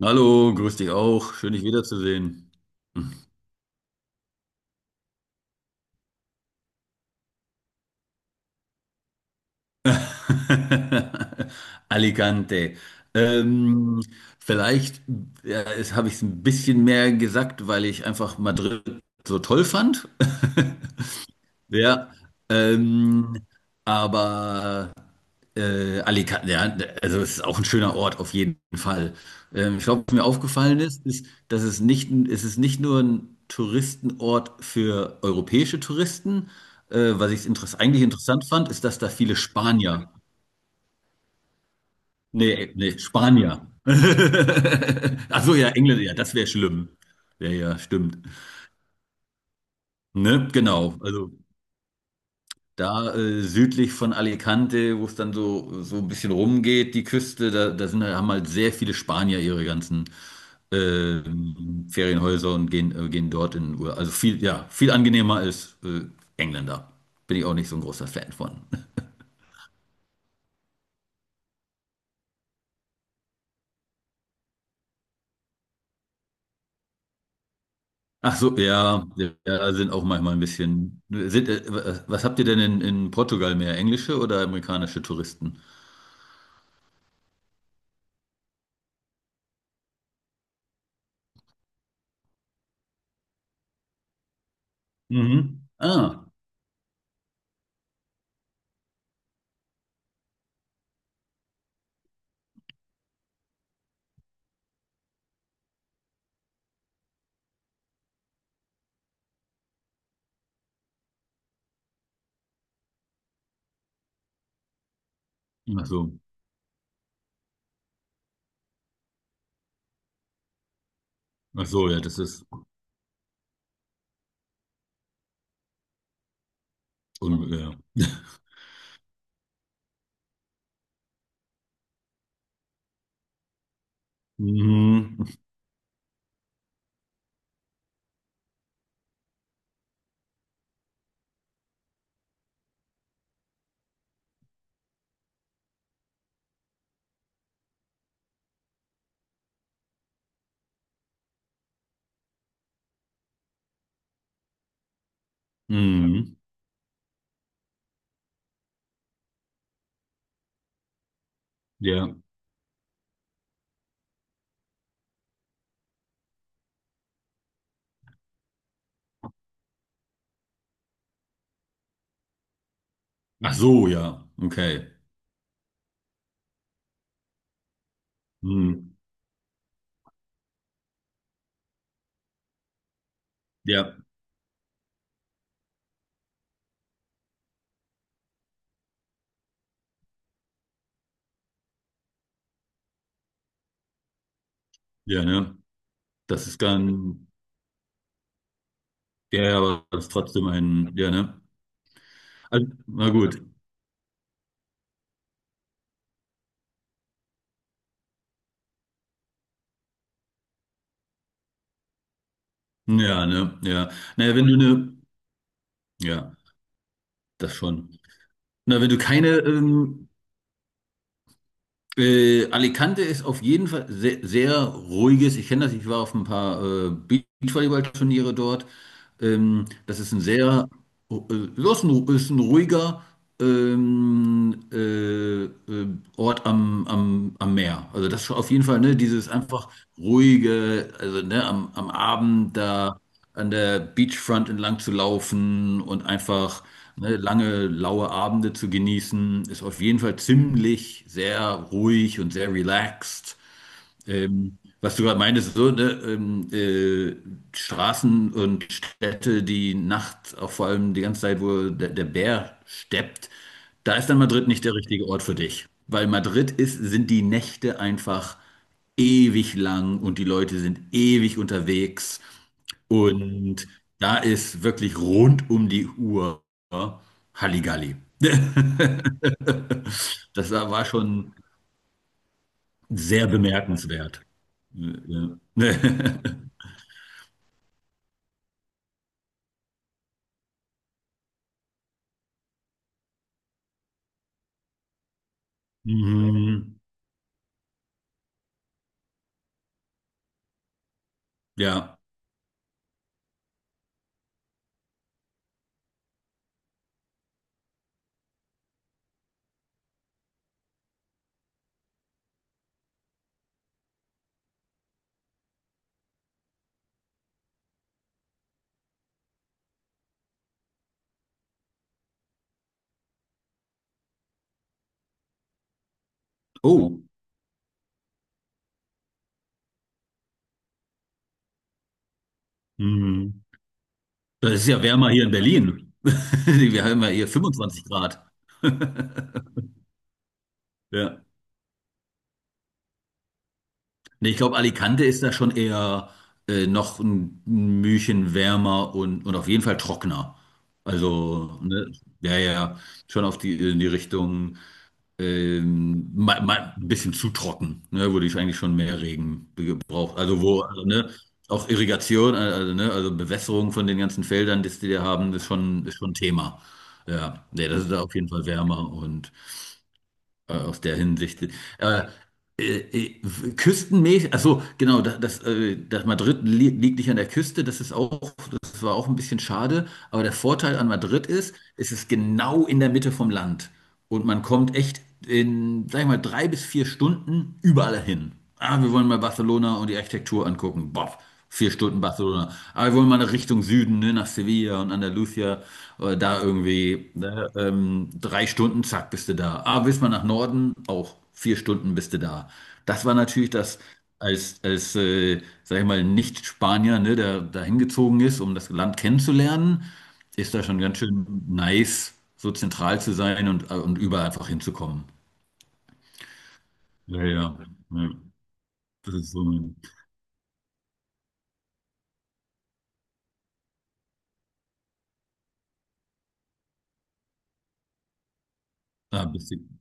Hallo, grüß dich auch. Schön, dich wiederzusehen. Alicante. Ähm, vielleicht ja, habe ich es ein bisschen mehr gesagt, weil ich einfach Madrid so toll fand. Ja, ähm, aber Alicante, ja, also es ist auch ein schöner Ort auf jeden Fall. Ich glaube, was mir aufgefallen ist, ist, dass es nicht, es ist nicht nur ein Touristenort für europäische Touristen. Was ich interess eigentlich interessant fand, ist, dass da viele Spanier, nee, nee, Spanier. Ach so, ja, Engländer, ja, das wäre schlimm. Ja, ja, stimmt. Ne, genau. Also da südlich von Alicante, wo es dann so, so ein bisschen rumgeht, die Küste, da sind, haben halt sehr viele Spanier ihre ganzen äh, Ferienhäuser und gehen dort in Urlaub. Also viel, ja, viel angenehmer als Engländer. Bin ich auch nicht so ein großer Fan von. Ach so, ja, ja, sind auch manchmal ein bisschen. Was habt ihr denn in Portugal mehr? Englische oder amerikanische Touristen? Mhm. Ah, ach so. Ach so, ja, das ist. Ja. Mhm. Mhm. Ja. Ach so, ja. Okay. Mhm. Ja, ja, ne? Das ist dann, ja, ja, aber das ist trotzdem ein, ja, ne? Also, na gut. Ja, ne? Ja. Naja, wenn du eine, ja, das schon. Na, wenn du keine Alicante ist auf jeden Fall sehr, sehr ruhiges. Ich kenne das, ich war auf ein paar Beachvolleyballturniere dort. Das ist ein sehr, äh, ist ein ruhiger ähm, äh, äh, Ort am Meer. Also das ist auf jeden Fall, ne, dieses einfach ruhige, also ne, am Abend da an der Beachfront entlang zu laufen und einfach ne, lange, laue Abende zu genießen, ist auf jeden Fall ziemlich sehr ruhig und sehr relaxed. Was du gerade meintest, so, ne, Straßen und Städte, die nachts, auch vor allem die ganze Zeit, wo der Bär steppt, da ist dann Madrid nicht der richtige Ort für dich. Weil Madrid ist, sind die Nächte einfach ewig lang und die Leute sind ewig unterwegs. Und da ist wirklich rund um die Uhr Halligalli. Das war schon. Sehr bemerkenswert. Ja. Mhm. Ja. Oh. Mhm. Das ist ja wärmer hier in Berlin. Wir haben ja hier 25 Grad. Ja. Nee, ich glaube, Alicante ist da schon eher noch ein Mühchen wärmer und auf jeden Fall trockener. Also, ne, ja, ja, ja. Schon auf die, in die Richtung. Mal ein bisschen zu trocken, ne, wo ich eigentlich schon mehr Regen gebraucht. Also, ne, auch Irrigation, also, ne, also Bewässerung von den ganzen Feldern, die die da haben, ist schon Thema. Ja, nee, das ist da auf jeden Fall wärmer und aus der Hinsicht. Äh, äh, äh, küstenmäßig, also genau, das Madrid li liegt nicht an der Küste, das ist auch, das war auch ein bisschen schade, aber der Vorteil an Madrid ist, es ist genau in der Mitte vom Land und man kommt echt in, sag ich mal, 3 bis 4 Stunden überall hin. Ah, wir wollen mal Barcelona und die Architektur angucken. Boff. 4 Stunden Barcelona. Aber wir wollen mal nach Richtung Süden, ne, nach Sevilla und Andalusia. Da irgendwie, ne, 3 Stunden, zack, bist du da. Aber willst mal nach Norden, auch 4 Stunden bist du da. Das war natürlich das, als sag ich mal, Nicht-Spanier, ne, der da hingezogen ist, um das Land kennenzulernen, ist da schon ganz schön nice, so zentral zu sein und überall einfach hinzukommen. Ja, ja. Ja. Das ist so ein, ah, bisschen.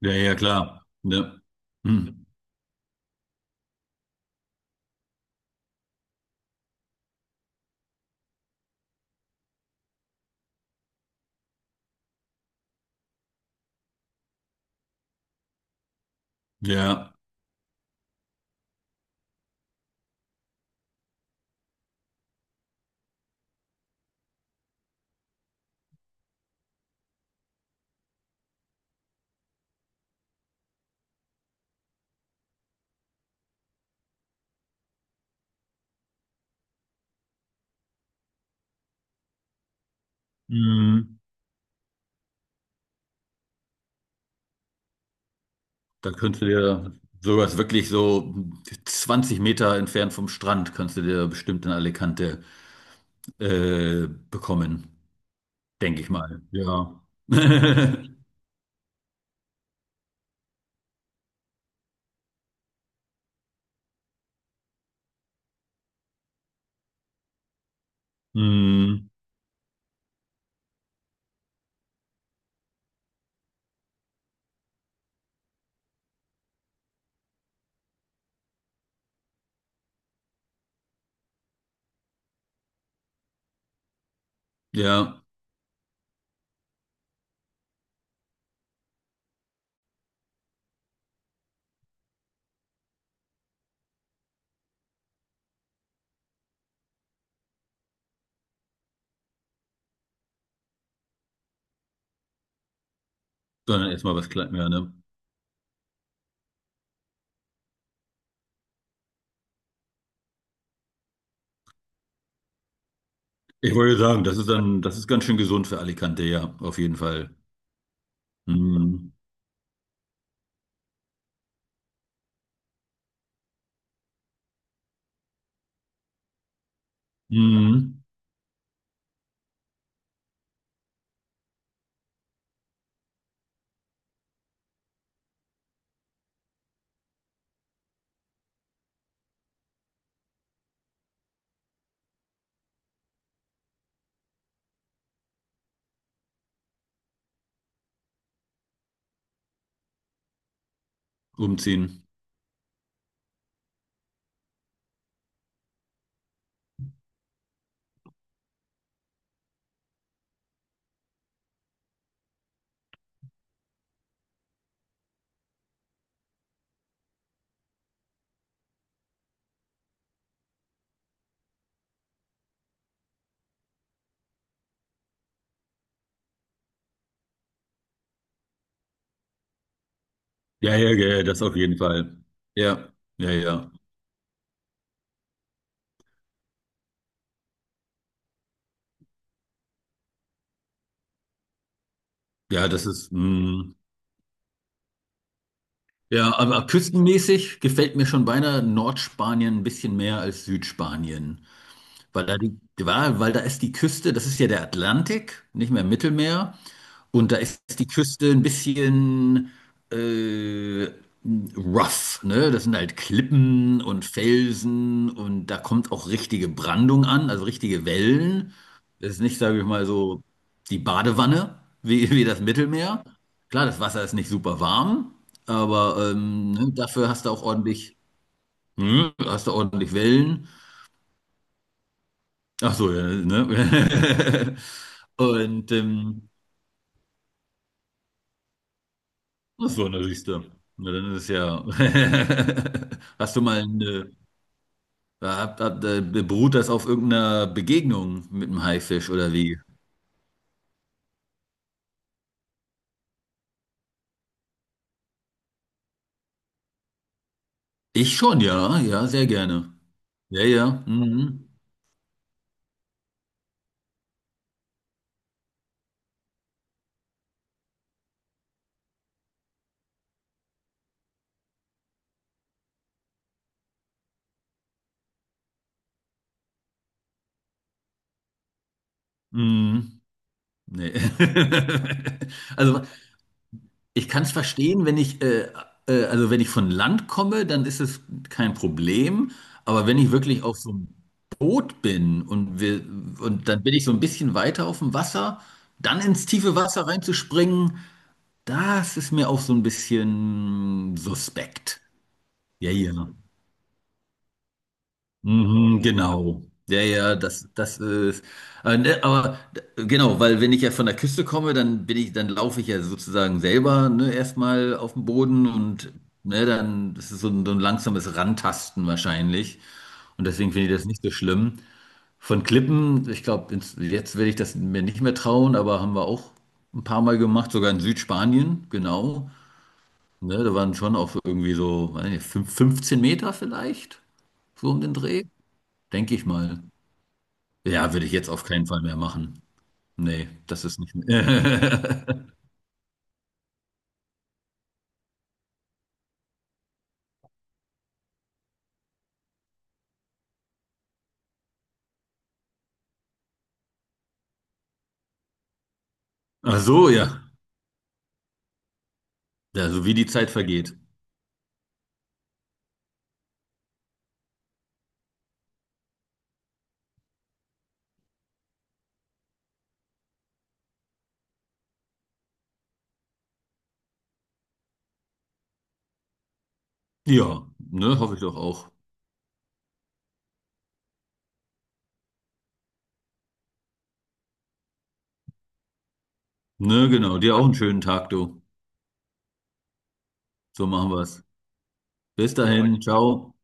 Ja, ja, klar. Ja. Hm. Ja, mhm. Da könntest du dir sowas wirklich so 20 Meter entfernt vom Strand, kannst du dir bestimmt in Alicante bekommen, denke ich mal. Ja. Mhm. Ja, sondern erstmal was klein, ja, ne? Ich wollte sagen, das ist dann, das ist ganz schön gesund für Alicante, ja, auf jeden Fall. Mhm. Mhm. Umziehen. Ja, ja, ja, das auf jeden Fall. Ja, ja, ja. Ja, das ist, mm, ja, aber küstenmäßig gefällt mir schon beinahe Nordspanien ein bisschen mehr als Südspanien. Weil da die, weil da ist die Küste, das ist ja der Atlantik, nicht mehr Mittelmeer. Und da ist die Küste ein bisschen äh, rough, ne? Das sind halt Klippen und Felsen und da kommt auch richtige Brandung an, also richtige Wellen. Das ist nicht, sage ich mal, so die Badewanne wie, wie das Mittelmeer. Klar, das Wasser ist nicht super warm, aber ne, dafür hast du auch ordentlich, hm, hast du ordentlich Wellen. Ach so, ja, ne? Und ach so, na siehst du. Na, dann ist es ja. Hast du mal eine. Beruht das auf irgendeiner Begegnung mit einem Haifisch oder wie? Ich schon, ja, ja, sehr gerne. Ja, ja. Mhm. Mhm. Mhm. Nee. Also ich kann es verstehen, wenn ich, also wenn ich von Land komme, dann ist es kein Problem. Aber wenn ich wirklich auf so einem Boot bin und, wir, und dann bin ich so ein bisschen weiter auf dem Wasser, dann ins tiefe Wasser reinzuspringen, das ist mir auch so ein bisschen suspekt. Ja, ja. Mhm, genau. Ja, ja, das, das ist. Ne, Aber genau, weil wenn ich ja von der Küste komme, dann bin ich, dann laufe ich ja sozusagen selber, ne, erstmal auf dem Boden und ne, dann, das ist so ein langsames Rantasten wahrscheinlich. Und deswegen finde ich das nicht so schlimm. Von Klippen, ich glaube, jetzt werde ich das mir nicht mehr trauen, aber haben wir auch ein paar Mal gemacht, sogar in Südspanien, genau. Ne, da waren schon auch irgendwie so, weiß nicht, 15 Meter vielleicht, so um den Dreh, denke ich mal. Ja, würde ich jetzt auf keinen Fall mehr machen. Nee, das ist nicht. Ach so, ja. Ja, so wie die Zeit vergeht. Ja, ne, hoffe ich doch auch. Ne, genau. Dir auch einen schönen Tag, du. So machen wir's. Bis dahin. Ciao.